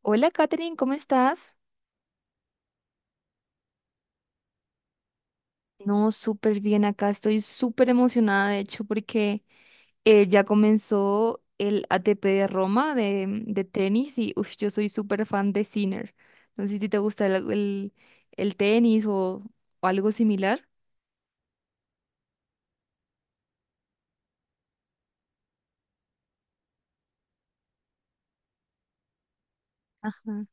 Hola, Katherine, ¿cómo estás? No, súper bien acá. Estoy súper emocionada, de hecho, porque ya comenzó el ATP de Roma de tenis y ush, yo soy súper fan de Sinner. No sé si te gusta el tenis o algo similar. Ajá.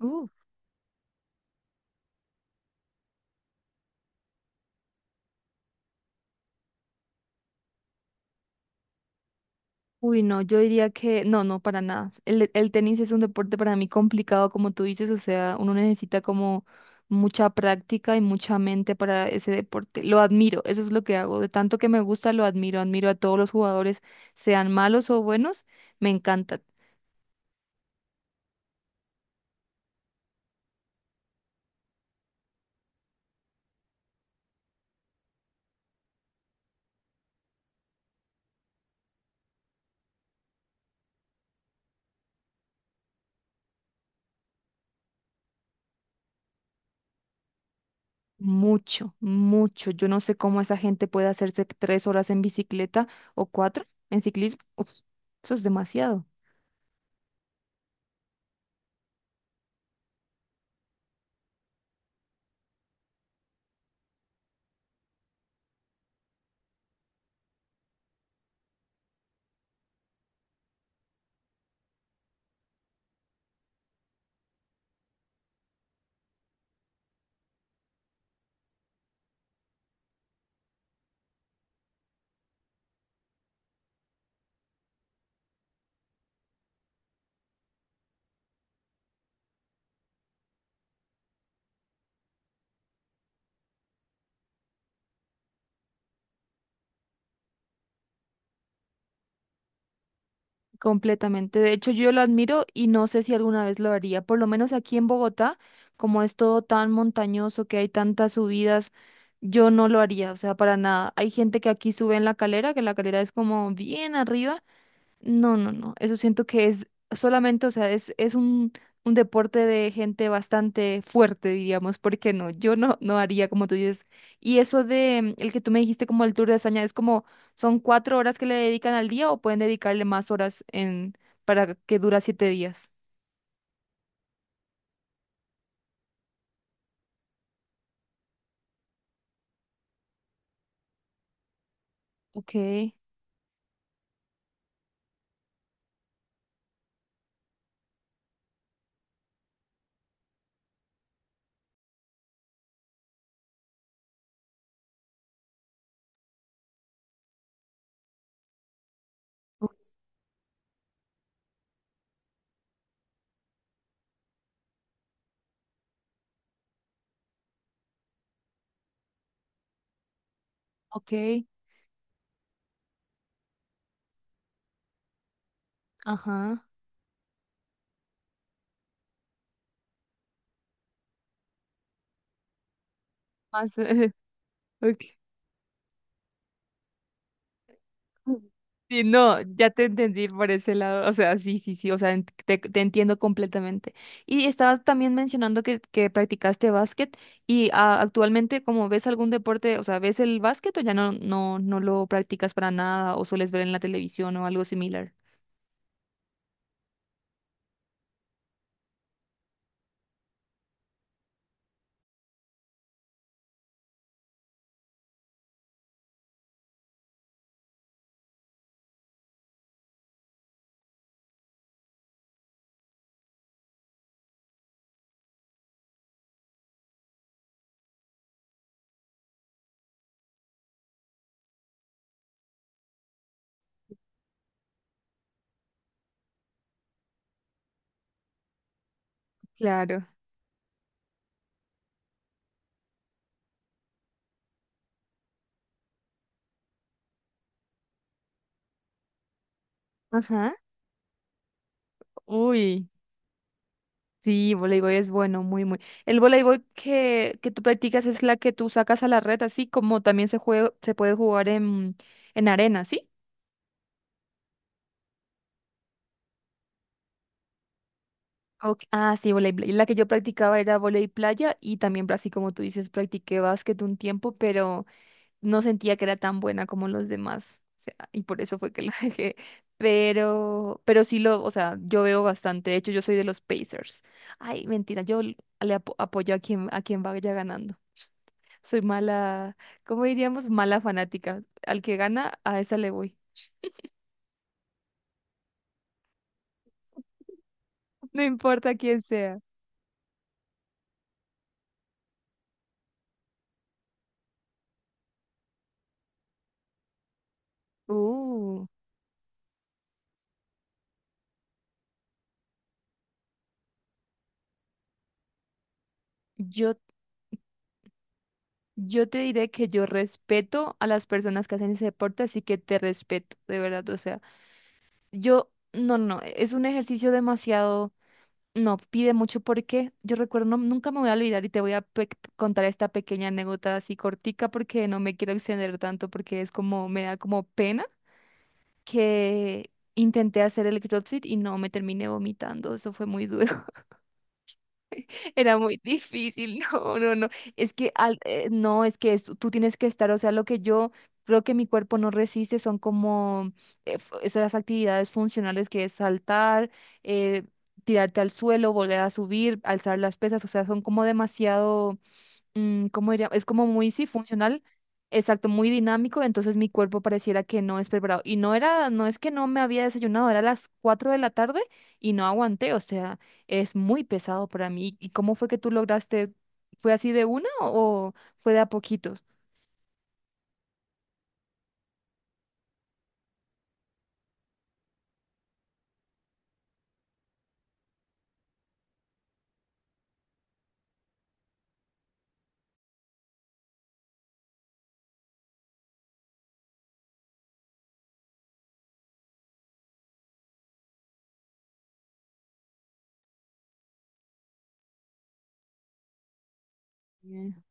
Uh, uy, no, yo diría que no, no, para nada. El tenis es un deporte para mí complicado, como tú dices, o sea, uno necesita como mucha práctica y mucha mente para ese deporte. Lo admiro, eso es lo que hago. De tanto que me gusta, lo admiro. Admiro a todos los jugadores, sean malos o buenos, me encanta. Mucho, mucho. Yo no sé cómo esa gente puede hacerse 3 horas en bicicleta o cuatro en ciclismo. Uf, eso es demasiado. Completamente. De hecho, yo lo admiro y no sé si alguna vez lo haría. Por lo menos aquí en Bogotá, como es todo tan montañoso, que hay tantas subidas, yo no lo haría, o sea, para nada. Hay gente que aquí sube en la calera, que la calera es como bien arriba, no, no, no. Eso siento que es solamente, o sea, es un deporte de gente bastante fuerte, diríamos, porque no, yo no, no haría como tú dices. Y eso de el que tú me dijiste como el Tour de España, es como, ¿son cuatro horas que le dedican al día o pueden dedicarle más horas en, para que dura 7 días? Ok, u- ok, ajá. Más, ok. Sí, no, ya te entendí por ese lado, o sea, sí, sí, sí, o sea, te entiendo completamente. Y estabas también mencionando que practicaste básquet y ah, actualmente, como ves algún deporte, o sea, ¿ves el básquet o ya no, no, no lo practicas para nada o sueles ver en la televisión o algo similar? Claro. Ajá. Uy, sí, voleibol es bueno, muy, muy. El voleibol que tú practicas es la que tú sacas a la red, así como también se juega, se puede jugar en arena, ¿sí? Ok, ah, sí, voleibol. La que yo practicaba era voleibol playa y también, así como tú dices, practiqué básquet un tiempo, pero no sentía que era tan buena como los demás. O sea, y por eso fue que lo dejé. Pero sí lo, o sea, yo veo bastante. De hecho, yo soy de los Pacers. Ay, mentira, yo le apoyo a quien vaya ganando. Soy mala, ¿cómo diríamos? Mala fanática. Al que gana, a esa le voy. No importa quién sea. Uh, yo Yo te diré que yo respeto a las personas que hacen ese deporte, así que te respeto, de verdad. O sea, yo, no, no, no, es un ejercicio demasiado, no, pide mucho porque yo recuerdo, nunca me voy a olvidar y te voy a contar esta pequeña anécdota así cortica porque no me quiero extender tanto porque es como, me da como pena que intenté hacer el CrossFit y no me terminé vomitando, eso fue muy duro. Era muy difícil, no, no, no. Es que, no, es que tú tienes que estar, o sea, lo que yo creo que mi cuerpo no resiste son como esas actividades funcionales que es saltar, eh, tirarte al suelo, volver a subir, alzar las pesas, o sea, son como demasiado ¿cómo diría? Es como muy, sí, funcional, exacto, muy dinámico, entonces mi cuerpo pareciera que no es preparado. Y no era, no es que no me había desayunado, era las 4 de la tarde y no aguanté, o sea, es muy pesado para mí. ¿Y cómo fue que tú lograste? ¿Fue así de una o fue de a poquitos? Bien.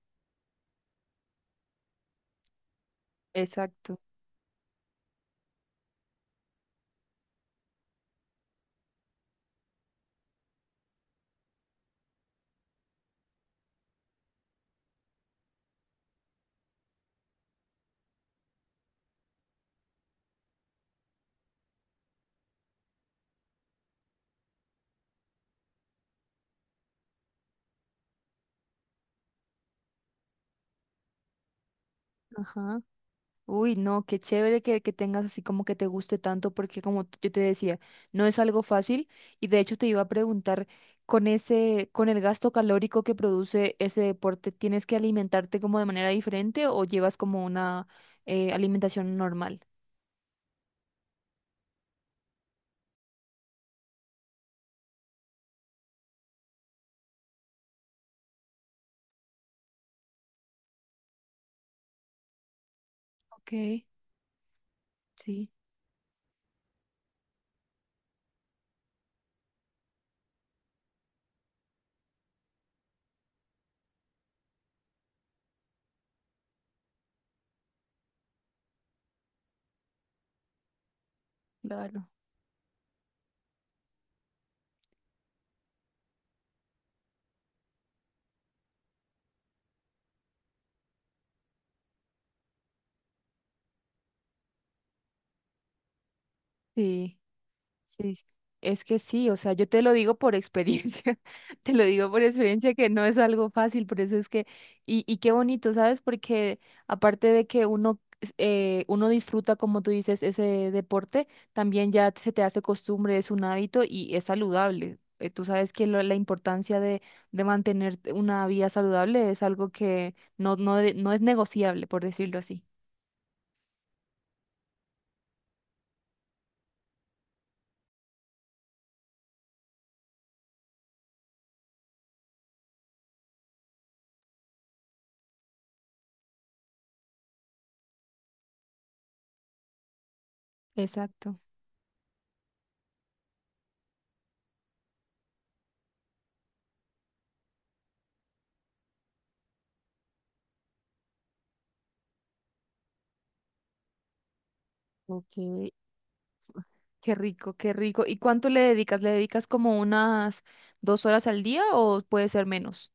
Exacto. Ajá. Uy, no, qué chévere que tengas así como que te guste tanto, porque como yo te decía, no es algo fácil y de hecho te iba a preguntar, con ese, con el gasto calórico que produce ese deporte, ¿tienes que alimentarte como de manera diferente o llevas como una alimentación normal? Ok, sí, claro. Sí. Sí, sí. Es que sí, o sea, yo te lo digo por experiencia, te lo digo por experiencia que no es algo fácil, por eso es que, y qué bonito, ¿sabes? Porque aparte de que uno, uno disfruta, como tú dices, ese deporte, también ya se te hace costumbre, es un hábito y es saludable. Tú sabes que la importancia de mantener una vida saludable es algo que no, no, no es negociable, por decirlo así. Exacto. Ok, qué rico, qué rico. ¿Y cuánto le dedicas? ¿Le dedicas como unas 2 horas al día o puede ser menos?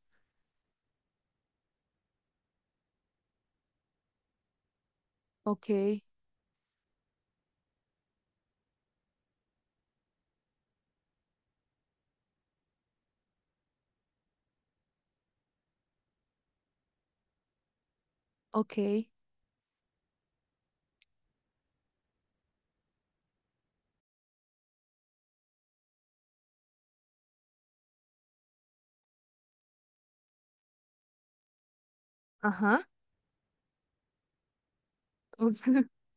Ok, ok. Ajá. Uf,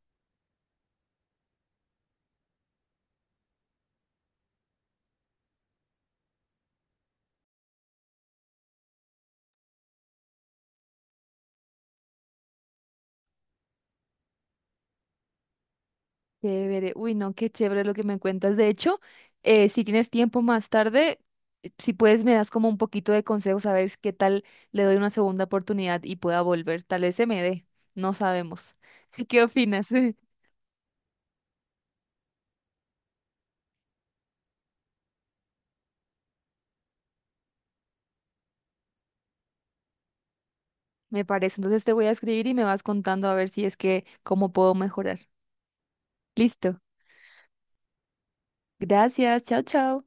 chévere. Uy, no, qué chévere lo que me cuentas. De hecho, si tienes tiempo más tarde, si puedes, me das como un poquito de consejos a ver qué tal le doy una segunda oportunidad y pueda volver. Tal vez se me dé. No sabemos. Sí, ¿qué opinas? Me parece. Entonces te voy a escribir y me vas contando a ver si es que cómo puedo mejorar. Listo. Gracias. Chao, chao.